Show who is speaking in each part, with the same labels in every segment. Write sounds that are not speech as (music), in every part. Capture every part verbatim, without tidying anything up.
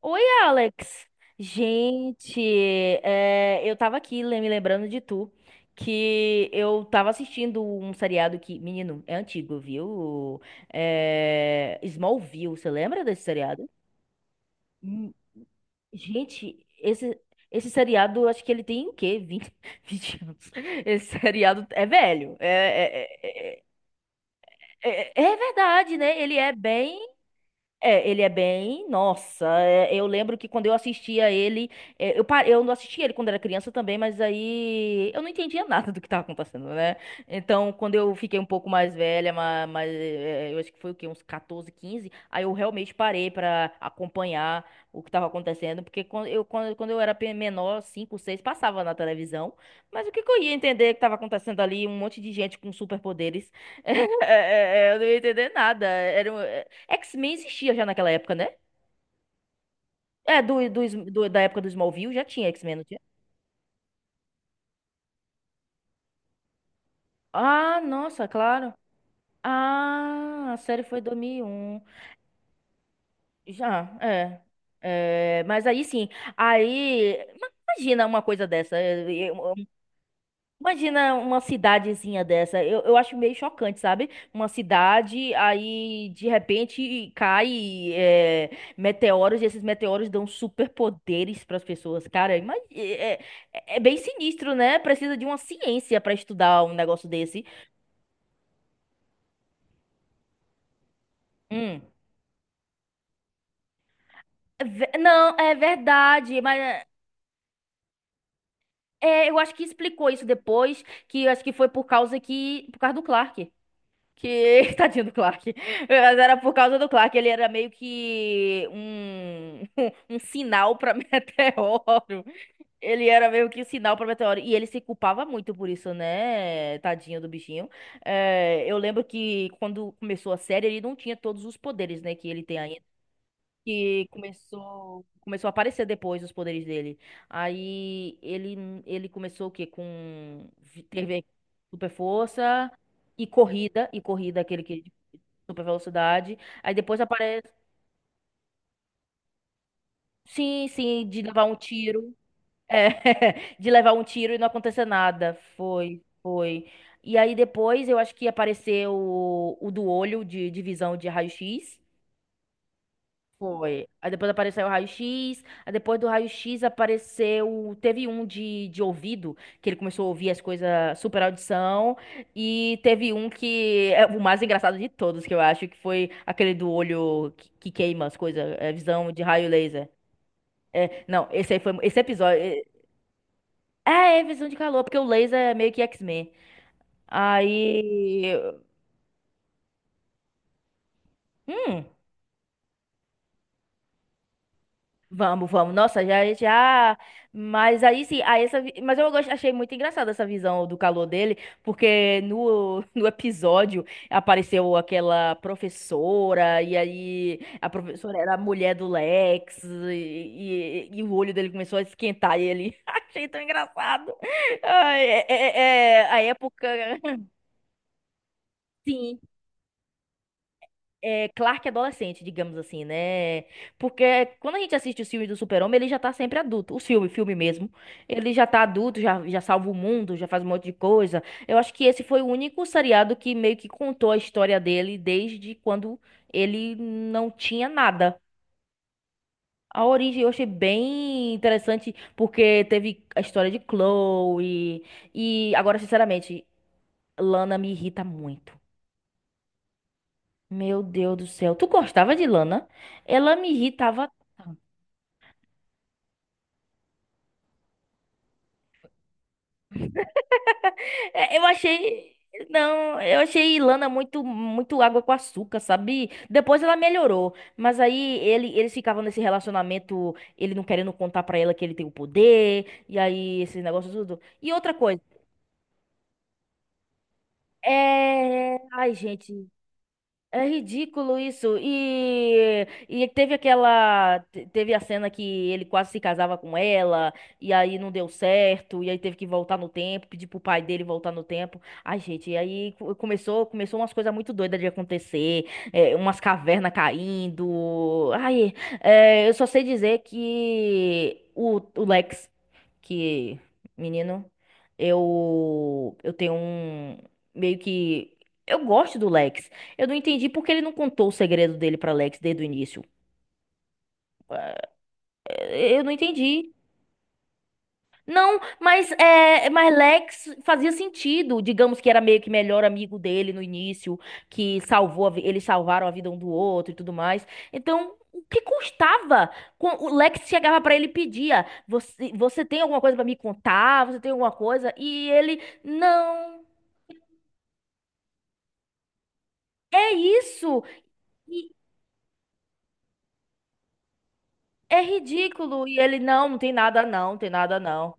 Speaker 1: Oi, Alex. Gente, é, eu tava aqui le- me lembrando de tu, que eu tava assistindo um seriado que, menino, é antigo, viu? É, Smallville, você lembra desse seriado? Hum, Gente, esse, esse seriado, eu acho que ele tem o quê? Vinte (laughs) vinte anos. Esse seriado é velho. É, é, é, é- é- é verdade, né? Ele é bem é, ele é bem. Nossa, é, eu lembro que quando eu assistia ele. É, eu, pa- eu não assistia ele quando era criança também, mas aí eu não entendia (laughs) nada do que estava acontecendo, né? Então, quando eu fiquei um pouco mais velha, mas, é, eu acho que foi o quê? Uns catorze, quinze, aí eu realmente parei pra acompanhar o que estava acontecendo, porque quando eu, quando, quando eu era pe- menor, cinco, seis, passava na televisão, mas o que que eu ia entender que estava acontecendo ali? Um monte de gente com superpoderes. (laughs) É, é, é, eu não ia entender nada. Era, um, X Men existia já naquela época, né? É, do, do, Sm- do- da época do Smallville já tinha X Men, não tinha? Ah, nossa, claro. Ah, a série foi dois mil e um. Já, é. É, mas aí sim, aí ma- imagina uma coisa dessa. Imagina uma cidadezinha dessa. Eu, eu acho meio chocante, sabe? Uma cidade, aí de repente cai é, meteoros, e esses meteoros dão superpoderes para as pessoas. Cara, ima- é, é- é bem sinistro, né? Precisa de uma ciência para estudar um negócio desse. Hum. É ve- Não, é verdade, mas eh, é, eu acho que explicou isso depois, que eu acho que foi por causa que, por causa do Clark. Que, (laughs) tadinho do Clark. Mas era por causa do Clark, ele era meio que um, (laughs) um sinal pra (laughs) meteoro. Ele era meio que um sinal pra meteoro. E ele se culpava muito por isso, né? Tadinho do bichinho. É, eu lembro que quando começou a série, ele não tinha todos os poderes, né? Que ele tem ainda, que começou começou a aparecer depois os poderes dele. Aí ele ele começou o quê? Com vi- ter ve- super força e corrida e corrida, aquele que super velocidade. Aí depois aparece, sim, sim, de levar um tiro. É, (laughs) de levar um tiro e não acontecer nada. Foi, foi. E aí depois eu acho que apareceu o, o do olho de, de visão de raio x. Foi. Aí depois apareceu o raio x. Aí depois do raio x apareceu. Teve um de, de ouvido, que ele começou a ouvir as coisas, super audição. E teve um que é o mais engraçado de todos, que eu acho, que foi aquele do olho que, que queima as coisas, é, visão de raio laser. É, não, esse aí foi. Esse episódio. É, é é visão de calor, porque o laser é meio que X Men. Aí. Hum. Vamos, vamos. Nossa, já, já. Mas aí sim, aí essa... vi- mas eu gost- achei muito engraçada essa visão do calor dele, porque no, (laughs) no episódio apareceu aquela professora, e aí a professora era a mulher do Lex, e, e, e o olho dele começou a esquentar e ele. (laughs) Achei tão engraçado. Ai, é, é- é a época. (laughs) Sim. É, Clark adolescente, digamos assim, né? Porque quando a gente assiste os filmes do Super-Homem, ele já tá sempre adulto. O filme, filme mesmo. Ele já tá adulto, já, já salva o mundo, já faz um monte de coisa. Eu acho que esse foi o único seriado que meio que contou a história dele desde quando ele não tinha nada. A origem eu achei bem interessante, porque teve a história de Chloe. E agora, sinceramente, Lana me irrita muito. Meu Deus do céu. Tu gostava de Lana? Ela me irritava. É, Eu achei. Não, eu achei Ilana muito, muito água com açúcar, sabe? Depois ela melhorou, mas aí ele, eles ficavam nesse relacionamento, ele não querendo contar pra ela que ele tem o poder, e aí esse negócio tudo. E outra coisa, é... Ai, gente, é ridículo isso. E, e teve aquela. te- Teve a cena que ele quase se casava com ela, e aí não deu certo, e aí teve que voltar no tempo, pedir pro pai dele voltar no tempo. Ai, gente, e aí co- começou, começou umas coisas muito doidas de acontecer, é, umas cavernas caindo. Ai, é, eu só sei dizer que o, o Lex que, menino, eu eu tenho um meio que eu gosto do Lex. Eu não entendi porque ele não contou o segredo dele pra Lex desde o início. Eh, Eu não entendi. Não, mas, é, mas Lex fazia sentido. Digamos que era meio que melhor amigo dele no início, que salvou, a vi- eles salvaram a vida um do outro e tudo mais. Então, o que custava? Quan- O Lex chegava pra ele e pedia: Você, você tem alguma coisa pra me contar? Você tem alguma coisa? E ele: Não, é isso. E é ridículo. E ele: Não, não tem nada, não, não tem nada, não.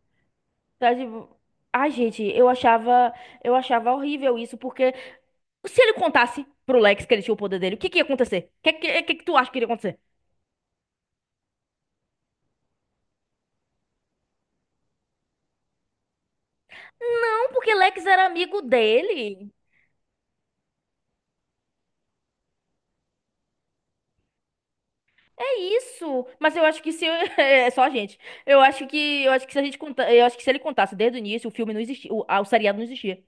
Speaker 1: Tá, tipo, ai, gente, eu achava, eu achava horrível isso, porque. Se ele contasse pro Lex que ele tinha o poder dele, o que que ia acontecer? O que, que, que que tu acha que iria acontecer? Não, porque Lex era amigo dele. É isso. Mas eu acho que se eu- (laughs) é só a gente. Eu acho que eu acho que se a gente conta, eu acho que se ele contasse desde o início, o filme não existia, o, ah, o seriado não existia.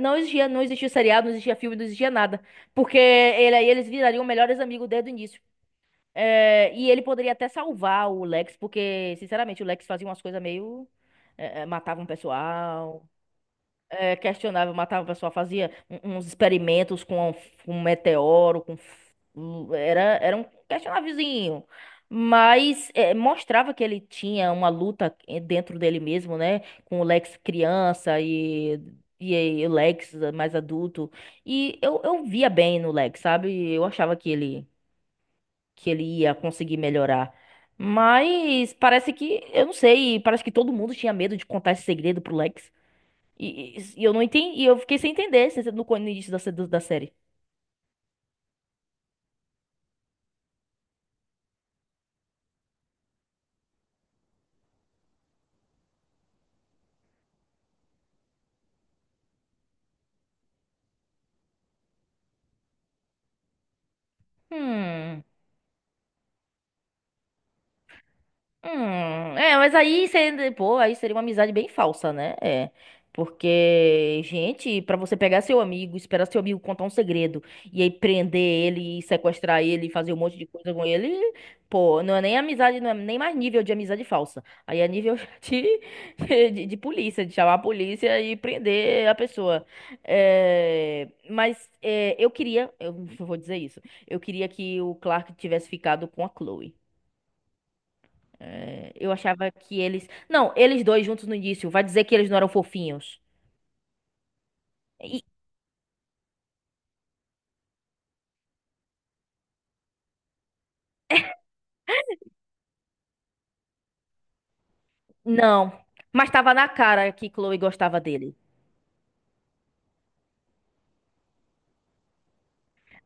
Speaker 1: Não existia, não existia seriado, não existia filme, não existia nada. Porque ele aí eles virariam melhores amigos desde o início. É, e ele poderia até salvar o Lex, porque, sinceramente, o Lex fazia umas coisas meio. É, é, matava um pessoal. É, questionável, matava o pessoal, fazia um- uns experimentos com, um meteoro, com f- um- era, era um questionávelzinho. Mas é, mostrava que ele tinha uma luta eh, dentro dele mesmo, né? Com o Lex criança e, e aí o Lex mais adulto. E eu, eu via bem no Lex, sabe? Eu achava que ele, que ele ia conseguir melhorar. Mas parece que, eu não sei, parece que todo mundo tinha medo de contar esse segredo pro Lex. E, e- e eu não entendi, e eu fiquei sem entender se- no, co- no início da, se- do- da série. Hum. Hum, é, mas aí seria, pô, aí seria uma amizade bem falsa, né? É. Porque, gente, pra você pegar seu amigo, esperar seu amigo contar um segredo e aí prender ele, e sequestrar ele, e fazer um monte de coisa com ele, pô, não é nem amizade, não é nem mais nível de amizade falsa. Aí é nível (laughs) de, de, de polícia, de chamar a polícia e prender a pessoa. É, mas é, eu queria, eu vou dizer isso, eu queria que o Clark tivesse ficado com a Chloe. É, eu achava que eles. Não, eles dois juntos no início. Vai dizer que eles não eram fofinhos. E- Não. Mas tava na cara que Chloe gostava dele.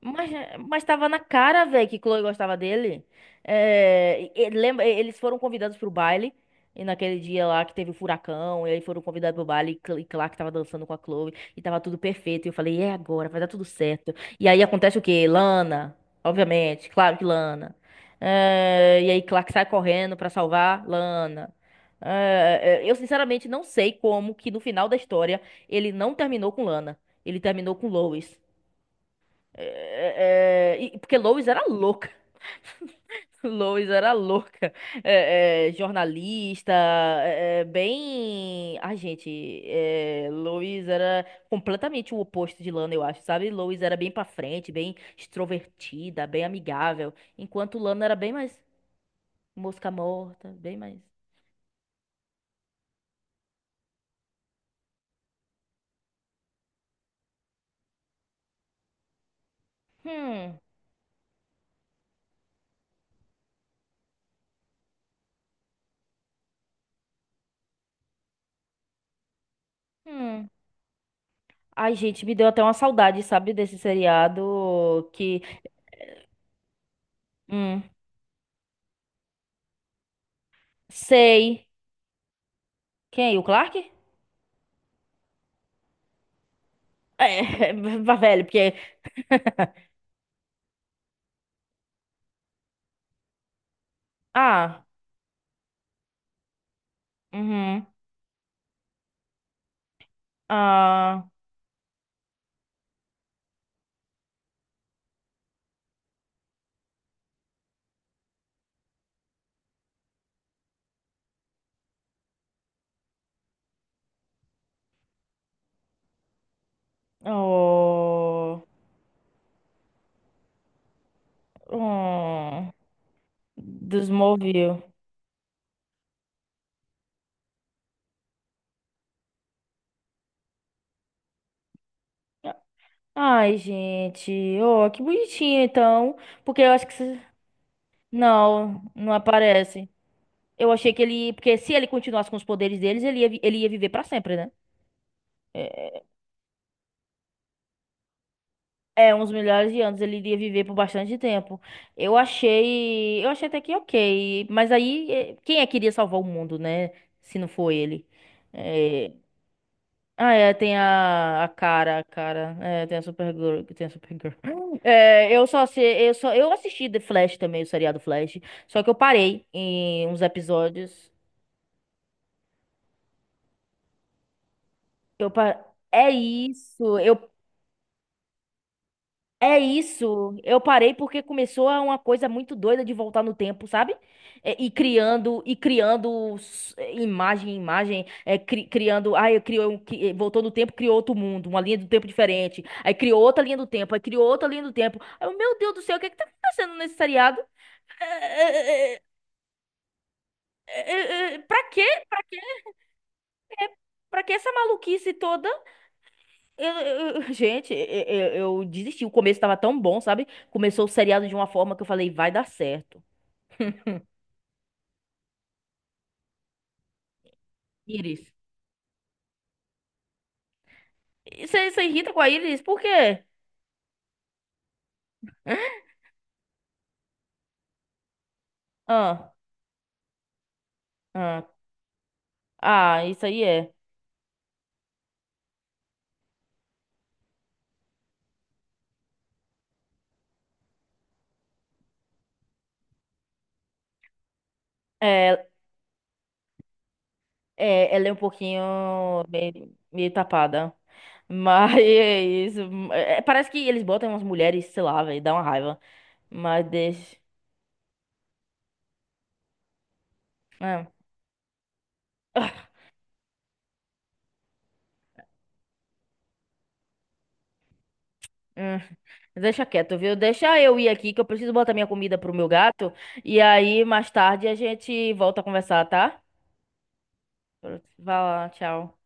Speaker 1: Mas, mas tava na cara, velho, que Chloe gostava dele. É, e- e- lembra, e- eles foram convidados pro baile. E naquele dia lá que teve o furacão, e aí foram convidados pro baile, e Cl- e Clark tava dançando com a Chloe, e tava tudo perfeito. E eu falei, é agora, vai dar tudo certo. E aí acontece o quê? Lana, obviamente, claro que Lana. É, e aí Clark sai correndo pra salvar Lana. É, é, eu sinceramente não sei como que no final da história ele não terminou com Lana, ele terminou com Lois. É, é, e- porque Lois era louca. (laughs) Lois era louca. É, é, jornalista, é, é, bem. Ai, gente, é, Lois era completamente o oposto de Lana, eu acho, sabe? Lois era bem pra frente, bem extrovertida, bem amigável. Enquanto Lana era bem mais mosca morta, bem mais. Hum, hum. Ai, gente, me deu até uma saudade, sabe, desse seriado que. Hum, sei. Quem? O Clark? É, (laughs) vá velho, porque ah, uhum. Ah, oh, oh, desmoviu. Ai, gente, oh, que bonitinho então, porque eu acho que se- não, não aparece. Eu achei que ele, porque se ele continuasse com os poderes deles, ele ia, vi- ele ia viver pra sempre, né? É, é, uns milhares de anos ele iria viver por bastante tempo. Eu achei, eu achei até que ok, mas aí eh, quem é que iria salvar o mundo, né? Se não for ele. É, ah, é, tem a, a cara, a cara. É, tem a Supergirl, que tem a Supergirl. (laughs) É, eu só sei, eu só, eu assisti The Flash também, o seriado Flash, só que eu parei em uns episódios. Eu pa- É isso, eu é isso. Eu parei porque começou a uma coisa muito doida de voltar no tempo, sabe? É, E, criando, e criando s- é, imagem, imagem, é, cri- criando, ai, eu criou, um cri- eh, voltou no tempo, criou outro mundo, uma linha do tempo diferente. Aí criou outra linha do tempo, aí criou outra linha do tempo. Aí eu, meu Deus do céu, o que é que tá acontecendo nesse seriado? É, é, é, é, é, é, Pra quê? Pra, pra que essa maluquice toda? Eu- eu- eu- (laughs) gente, eu, eu eu desisti. O começo tava tão bom, sabe? Começou o seriado de uma forma que eu falei, vai dar certo. Íris. Você se irrita com a Iris? Por quê? Ah, ah, ah, isso aí é. É, é, ela é um pouquinho meio, meio tapada. Mas (laughs) é isso. É, parece que eles botam umas mulheres, sei lá, velho, dá uma raiva. Mas deixa. É. Ah, hum. Deixa quieto, viu? Deixa eu ir aqui que eu preciso botar minha comida pro meu gato. E aí, mais tarde, a gente volta a conversar, tá? Vai lá, tchau.